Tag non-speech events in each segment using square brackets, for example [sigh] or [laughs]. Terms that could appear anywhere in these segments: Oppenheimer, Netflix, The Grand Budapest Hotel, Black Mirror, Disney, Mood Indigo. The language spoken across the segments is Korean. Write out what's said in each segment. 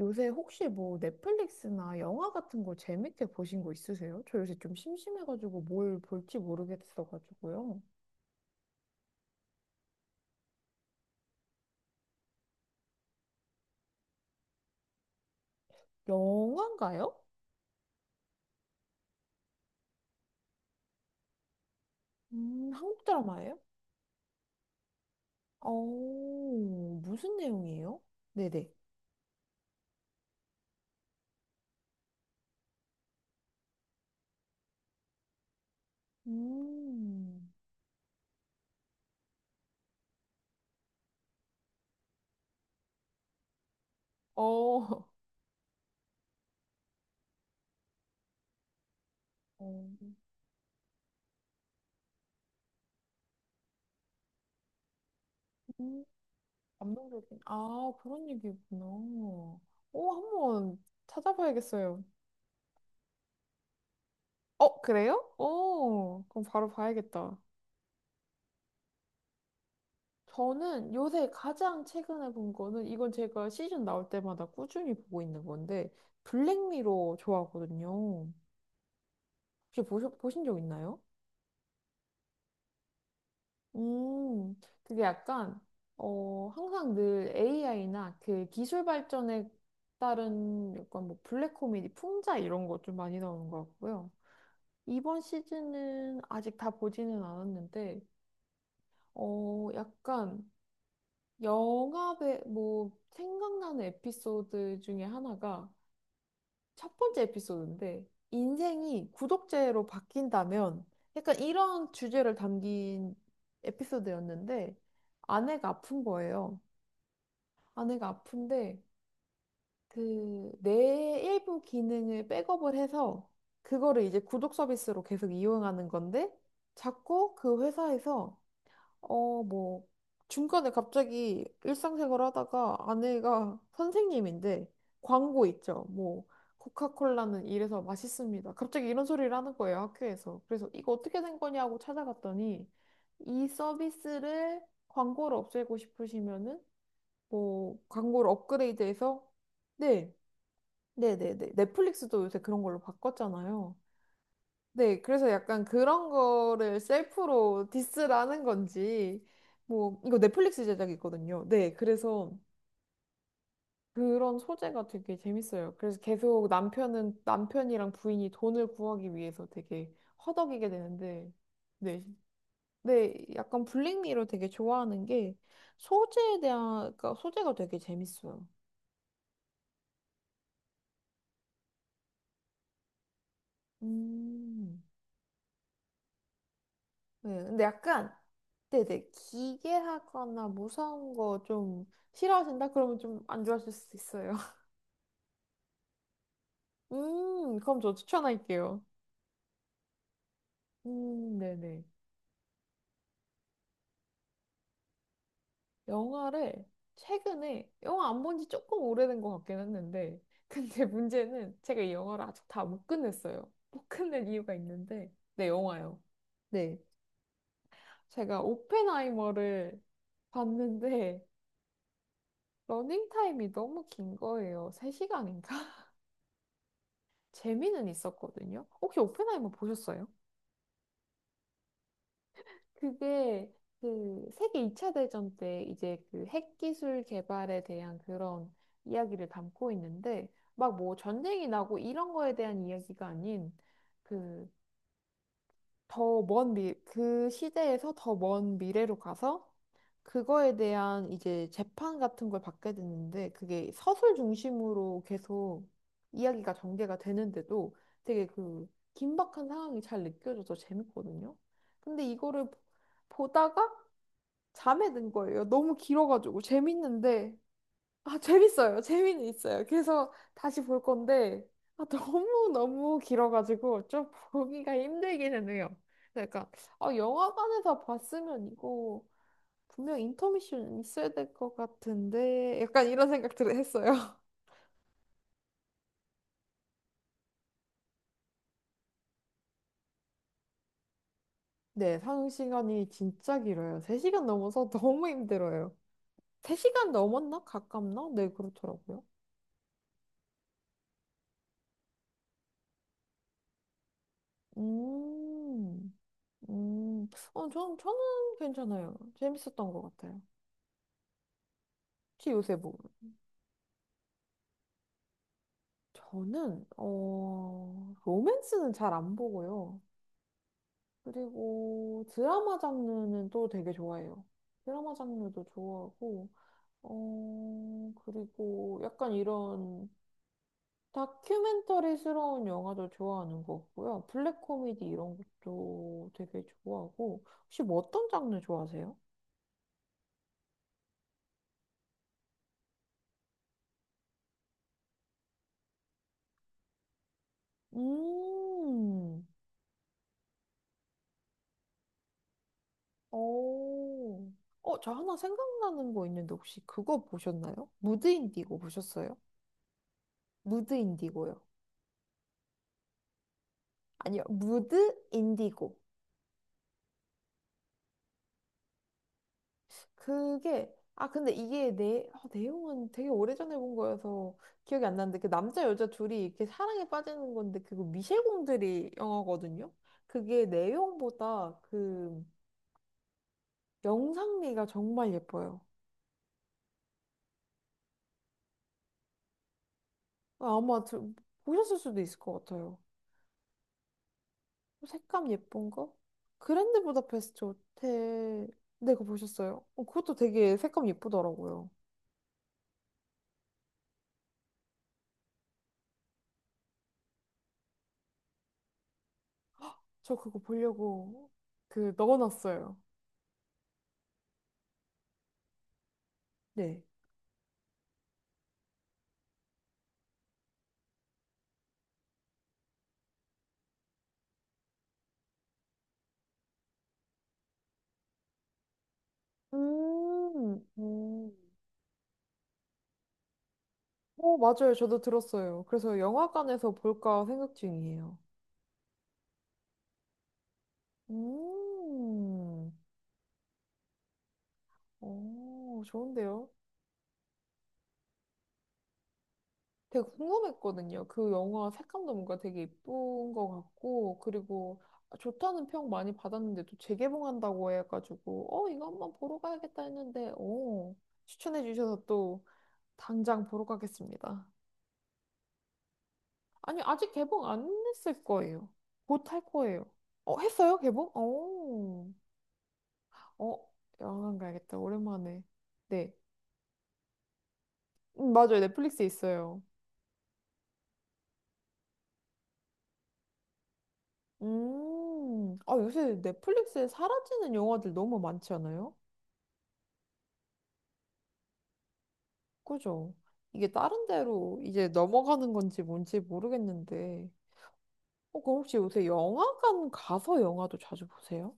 요새 혹시 뭐 넷플릭스나 영화 같은 거 재밌게 보신 거 있으세요? 저 요새 좀 심심해가지고 뭘 볼지 모르겠어가지고요. 영화인가요? 한국 드라마예요? 어, 무슨 내용이에요? 네네. 음. 어. [laughs] 어. 음. 감동적인. 아, 그런 얘기구나. 오, 한 번 찾아봐야겠어요. 어, 그래요? 오, 그럼 바로 봐야겠다. 저는 요새 가장 최근에 본 거는 이건 제가 시즌 나올 때마다 꾸준히 보고 있는 건데 블랙미러 좋아하거든요. 혹시 보신 적 있나요? 음, 그게 약간 항상 늘 AI나 그 기술 발전에 따른 약간 뭐 블랙 코미디 풍자 이런 것 좀 많이 나오는 것 같고요. 이번 시즌은 아직 다 보지는 않았는데 약간 뭐, 생각나는 에피소드 중에 하나가 첫 번째 에피소드인데, 인생이 구독제로 바뀐다면, 약간 이런 주제를 담긴 에피소드였는데, 아내가 아픈 거예요. 아내가 아픈데, 뇌의 일부 기능을 백업을 해서, 그거를 이제 구독 서비스로 계속 이용하는 건데, 자꾸 그 회사에서 뭐, 중간에 갑자기 일상생활 하다가 아내가 선생님인데 광고 있죠. 뭐, 코카콜라는 이래서 맛있습니다. 갑자기 이런 소리를 하는 거예요, 학교에서. 그래서 이거 어떻게 된 거냐고 찾아갔더니 이 서비스를 광고를 없애고 싶으시면은 뭐, 광고를 업그레이드해서 네, 네네네. 넷플릭스도 요새 그런 걸로 바꿨잖아요. 네, 그래서 약간 그런 거를 셀프로 디스라는 건지, 뭐, 이거 넷플릭스 제작이거든요. 네, 그래서 그런 소재가 되게 재밌어요. 그래서 계속 남편이랑 부인이 돈을 구하기 위해서 되게 허덕이게 되는데, 네, 네, 약간 블랙미러 되게 좋아하는 게 그러니까 소재가 되게 재밌어요. 음. 네, 근데 약간, 네네, 기괴하거나 무서운 거 좀 싫어하신다? 그러면 좀 안 좋아하실 수도 있어요. [laughs] 그럼 저 추천할게요. 네네. 영화를 최근에, 영화 안 본지 조금 오래된 것 같긴 했는데, 근데 [laughs] 문제는 제가 이 영화를 아직 다 못 끝냈어요. 못 끝낸 이유가 있는데, 네, 영화요. 네. 제가 오펜하이머를 봤는데, 러닝타임이 너무 긴 거예요. 3시간인가? 재미는 있었거든요. 혹시 오펜하이머 보셨어요? 그게 그 세계 2차 대전 때 이제 그 핵기술 개발에 대한 그런 이야기를 담고 있는데 막 뭐 전쟁이 나고 이런 거에 대한 이야기가 아닌 그 그 시대에서 더 먼 미래로 가서 그거에 대한 이제 재판 같은 걸 받게 됐는데 그게 서술 중심으로 계속 이야기가 전개가 되는데도 되게 그 긴박한 상황이 잘 느껴져서 재밌거든요. 근데 이거를 보다가 잠에 든 거예요. 너무 길어가지고 재밌는데 재밌어요. 재미는 있어요. 그래서 다시 볼 건데 너무 너무 길어가지고 좀 보기가 힘들기는 해요. 그러니까 영화관에서 봤으면 이거 분명 인터미션 있어야 될 것 같은데 약간 이런 생각들을 했어요. [laughs] 네, 상영 시간이 진짜 길어요. 3시간 넘어서 [laughs] 너무 힘들어요. 3시간 넘었나? 가깝나? 네, 그렇더라고요. 음, 저는 괜찮아요. 재밌었던 것 같아요. 혹시 요새 뭐, 저는, 로맨스는 잘 안 보고요. 그리고 드라마 장르는 또 되게 좋아해요. 드라마 장르도 좋아하고, 그리고 약간 이런 다큐멘터리스러운 영화도 좋아하는 거고요. 블랙 코미디 이런 것도 되게 좋아하고. 혹시 뭐 어떤 장르 좋아하세요? 음. 오. 저 하나 생각나는 거 있는데 혹시 그거 보셨나요? 무드 인디고 보셨어요? 무드 인디고요. 아니요, 무드 인디고. 그게 근데 이게 내용은 되게 오래전에 본 거여서 기억이 안 나는데 그 남자 여자 둘이 이렇게 사랑에 빠지는 건데 그거 미셸 공들이 영화거든요. 그게 내용보다 그 영상미가 정말 예뻐요. 아마 보셨을 수도 있을 것 같아요. 색감 예쁜 거? 그랜드 부다페스트 호텔 네 그거 보셨어요? 어, 그것도 되게 색감 예쁘더라고요. 저 그거 보려고 그 넣어놨어요. 네. 음, 음. 맞아요. 저도 들었어요. 그래서 영화관에서 볼까 생각 중이에요. 음, 오, 좋은데요? 되게 궁금했거든요. 그 영화 색감도 뭔가 되게 예쁜 것 같고, 그리고 좋다는 평 많이 받았는데 또 재개봉한다고 해가지고, 이거 한번 보러 가야겠다 했는데, 오, 추천해 주셔서 또 당장 보러 가겠습니다. 아니, 아직 개봉 안 했을 거예요. 곧 할 거예요. 어, 했어요? 개봉? 어, 어, 영화관 가야겠다. 오랜만에. 네. 맞아요. 넷플릭스에 있어요. 아, 요새 넷플릭스에 사라지는 영화들 너무 많지 않아요? 그죠? 이게 다른 데로 이제 넘어가는 건지 뭔지 모르겠는데. 그럼 혹시 요새 영화관 가서 영화도 자주 보세요?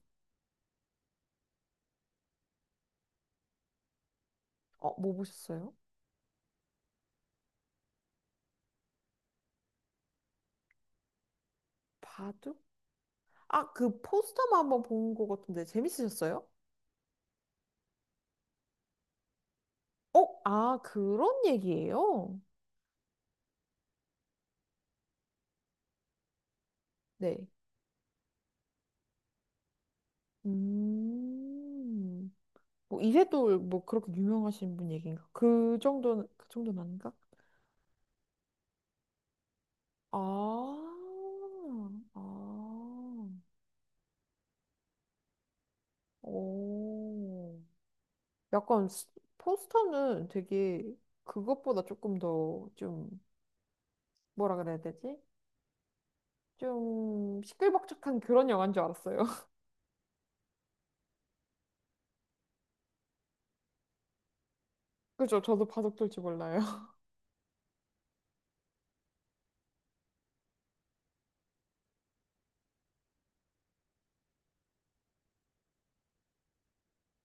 뭐 보셨어요? 바둑? 아, 그 포스터만 한번 본 것 같은데 재밌으셨어요? 어? 아, 그런 얘기예요? 네. 음. 뭐 이세돌 뭐 그렇게 유명하신 분 얘기인가? 그 정도는 아닌가? 아. 아. 오. 약간 포스터는 되게 그것보다 조금 더 좀 뭐라 그래야 되지? 좀 시끌벅적한 그런 영화인 줄 알았어요. [laughs] 그죠? 저도 바둑 둘 줄 몰라요.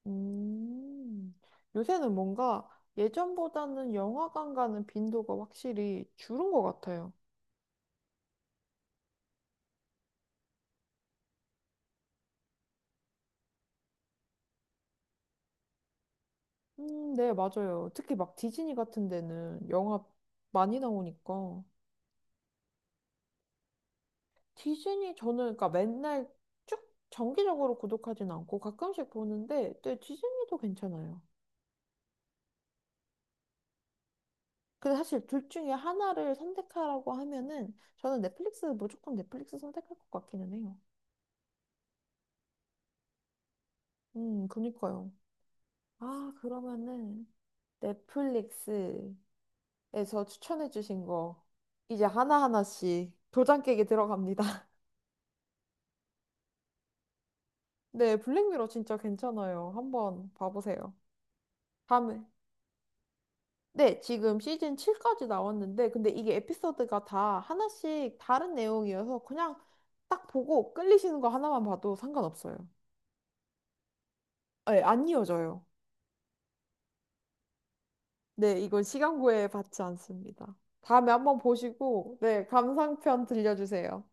음, 요새는 뭔가 예전보다는 영화관 가는 빈도가 확실히 줄은 것 같아요. 네, 맞아요. 특히 막 디즈니 같은 데는 영화 많이 나오니까. 디즈니 저는 그러니까 맨날 쭉 정기적으로 구독하진 않고 가끔씩 보는데, 네, 디즈니도 괜찮아요. 근데 사실 둘 중에 하나를 선택하라고 하면은 저는 넷플릭스 무조건 넷플릭스 선택할 것 같기는 해요. 그니까요. 아, 그러면은 넷플릭스 에서 추천해주신 거 이제 하나하나씩 도장 깨기 들어갑니다. [laughs] 네, 블랙미러 진짜 괜찮아요. 한번 봐보세요. 다음에 네, 지금 시즌 7까지 나왔는데 근데 이게 에피소드가 다 하나씩 다른 내용이어서 그냥 딱 보고 끌리시는 거 하나만 봐도 상관없어요. 네, 안 이어져요. 네, 이건 시간 구애 받지 않습니다. 다음에 한번 보시고 네, 감상편 들려주세요.